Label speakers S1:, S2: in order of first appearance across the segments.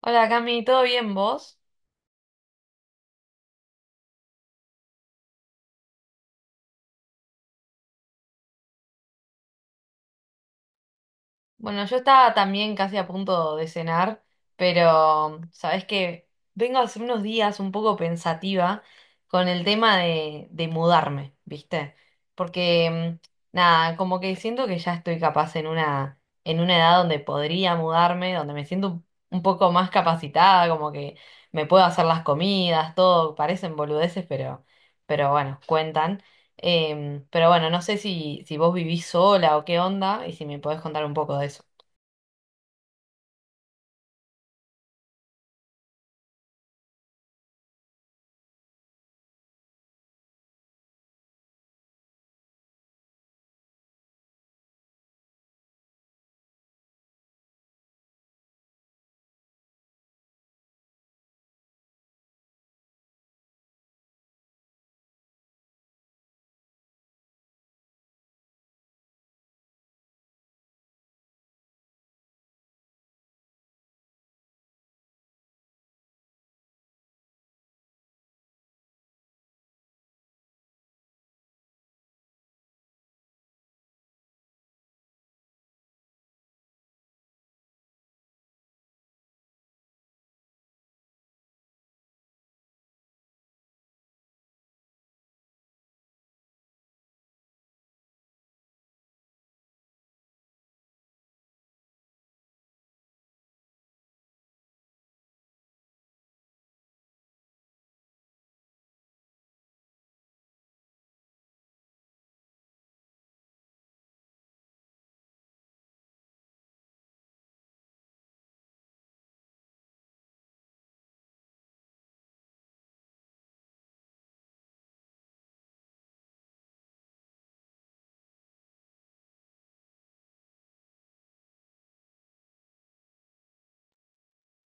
S1: Hola Cami, ¿todo bien vos? Bueno, yo estaba también casi a punto de cenar, pero sabés que vengo hace unos días un poco pensativa con el tema de mudarme, ¿viste? Porque nada, como que siento que ya estoy capaz en una edad donde podría mudarme, donde me siento un poco más capacitada, como que me puedo hacer las comidas, todo, parecen boludeces, pero bueno, cuentan. Pero bueno, no sé si, si vos vivís sola o qué onda y si me podés contar un poco de eso.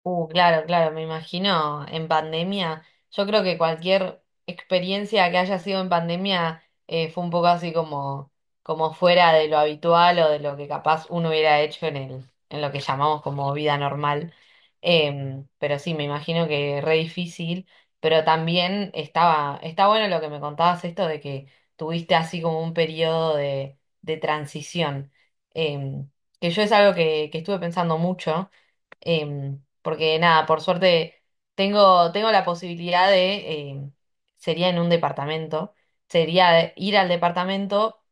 S1: Claro, claro, me imagino en pandemia. Yo creo que cualquier experiencia que haya sido en pandemia fue un poco así como, como fuera de lo habitual o de lo que capaz uno hubiera hecho en el, en lo que llamamos como vida normal. Pero sí, me imagino que re difícil, pero también estaba, está bueno lo que me contabas esto de que tuviste así como un periodo de transición. Em, que yo es algo que estuve pensando mucho. Porque nada, por suerte tengo, tengo la posibilidad de, sería en un departamento, sería ir al departamento,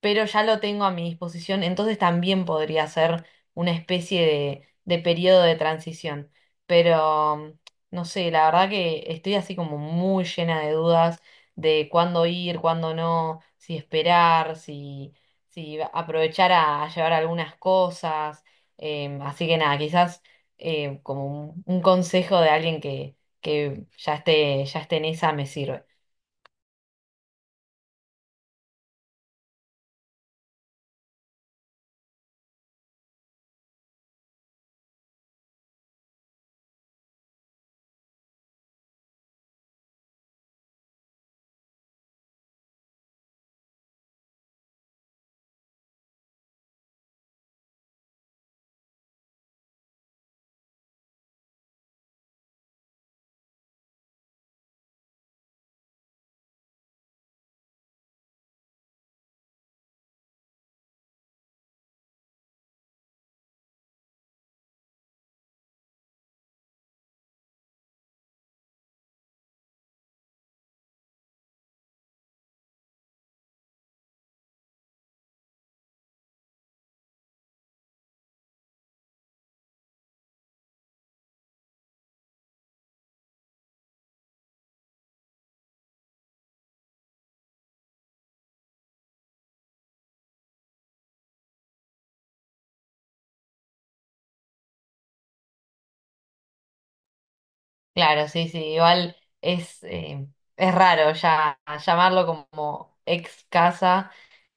S1: pero ya lo tengo a mi disposición, entonces también podría ser una especie de periodo de transición. Pero no sé, la verdad que estoy así como muy llena de dudas de cuándo ir, cuándo no, si esperar, si, si aprovechar a llevar algunas cosas. Así que nada, quizás como un consejo de alguien que ya esté en esa me sirve. Claro, sí, sí, igual es raro ya llamarlo como ex casa.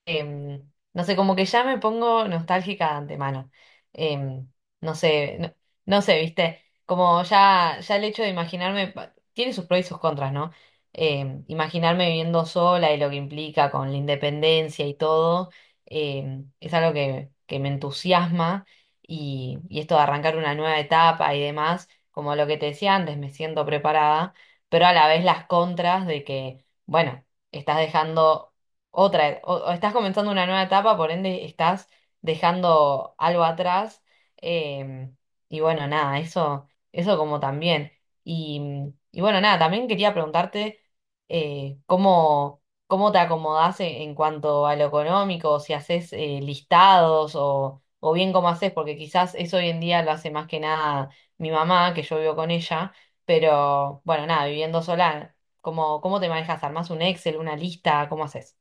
S1: No sé, como que ya me pongo nostálgica de antemano. Em, no sé, no, no sé, viste, como ya, ya el hecho de imaginarme, pa- tiene sus pros y sus contras, ¿no? Imaginarme viviendo sola y lo que implica con la independencia y todo, es algo que me entusiasma y esto de arrancar una nueva etapa y demás, como lo que te decía antes, me siento preparada, pero a la vez las contras de que, bueno, estás dejando otra, o estás comenzando una nueva etapa, por ende estás dejando algo atrás. em, y bueno, nada, eso como también. Y, y bueno, nada, también quería preguntarte cómo, cómo te acomodás en cuanto a lo económico, si haces listados o bien cómo haces, porque quizás eso hoy en día lo hace más que nada mi mamá, que yo vivo con ella, pero bueno, nada, viviendo sola, ¿cómo, cómo te manejas? ¿Armás un Excel, una lista? ¿Cómo haces?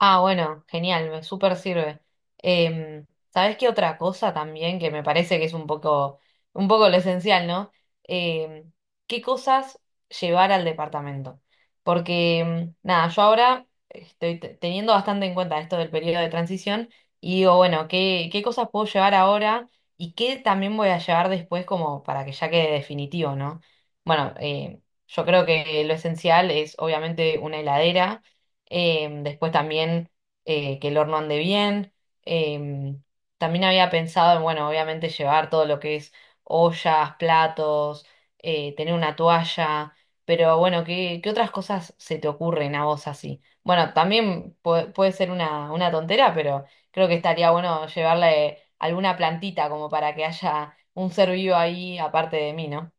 S1: Ah, bueno, genial, me súper sirve. Em, ¿Sabés qué otra cosa también que me parece que es un poco lo esencial, ¿no? Em, ¿Qué cosas llevar al departamento? Porque, nada, yo ahora estoy te- teniendo bastante en cuenta esto del periodo de transición y digo, bueno, ¿qué, qué cosas puedo llevar ahora y qué también voy a llevar después como para que ya quede definitivo, ¿no? Bueno, yo creo que lo esencial es obviamente una heladera. Em, después también que el horno ande bien. Em, También había pensado en, bueno, obviamente llevar todo lo que es ollas, platos, tener una toalla, pero bueno, ¿qué, qué otras cosas se te ocurren a vos así? Bueno, también pue- puede ser una tontera, pero creo que estaría bueno llevarle alguna plantita como para que haya un ser vivo ahí aparte de mí, ¿no?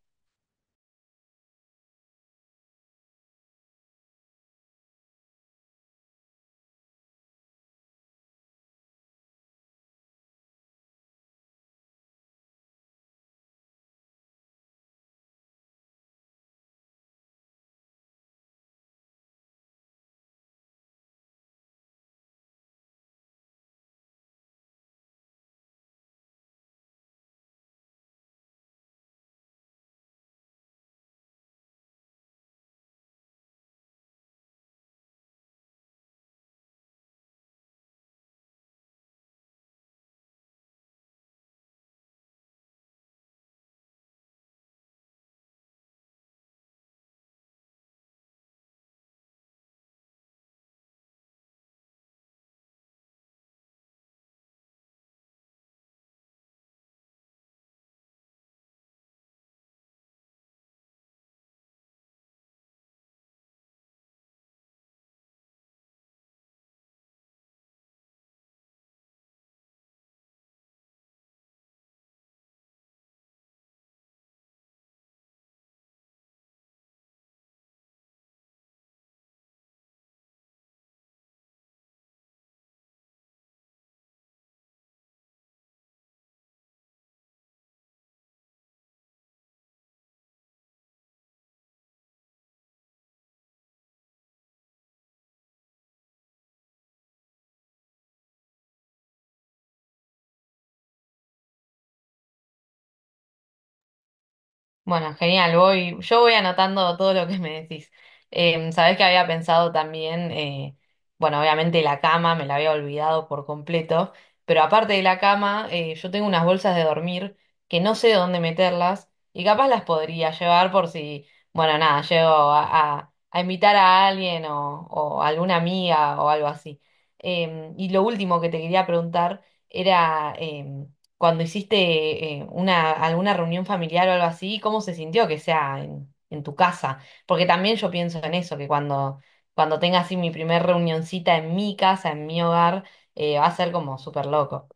S1: Bueno, genial, voy, yo voy anotando todo lo que me decís. Sabés que había pensado también, bueno, obviamente la cama, me la había olvidado por completo, pero aparte de la cama, yo tengo unas bolsas de dormir que no sé dónde meterlas y capaz las podría llevar por si, bueno, nada, llego a invitar a alguien o alguna amiga o algo así. Y lo último que te quería preguntar era... cuando hiciste una, alguna reunión familiar o algo así, ¿cómo se sintió que sea en tu casa? Porque también yo pienso en eso, que cuando, cuando tenga así mi primer reunioncita en mi casa, en mi hogar, va a ser como súper loco.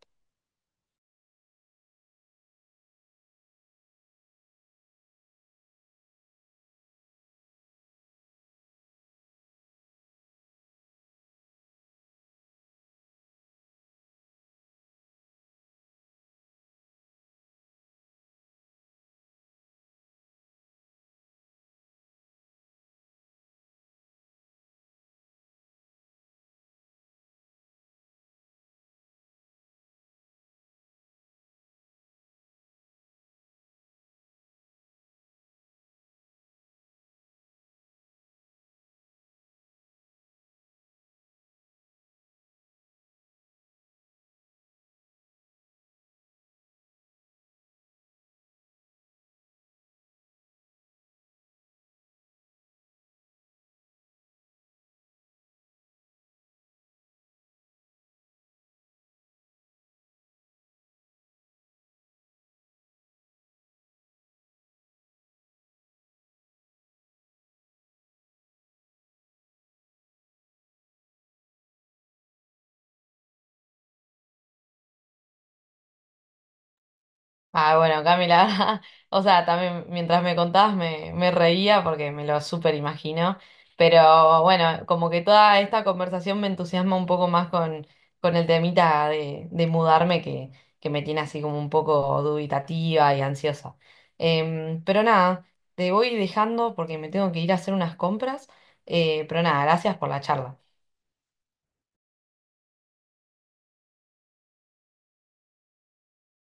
S1: Ah, bueno, Camila, o sea, también mientras me contabas me, me reía porque me lo súper imagino, pero bueno, como que toda esta conversación me entusiasma un poco más con el temita de mudarme que me tiene así como un poco dubitativa y ansiosa. Pero nada, te voy dejando porque me tengo que ir a hacer unas compras, pero nada, gracias por la charla.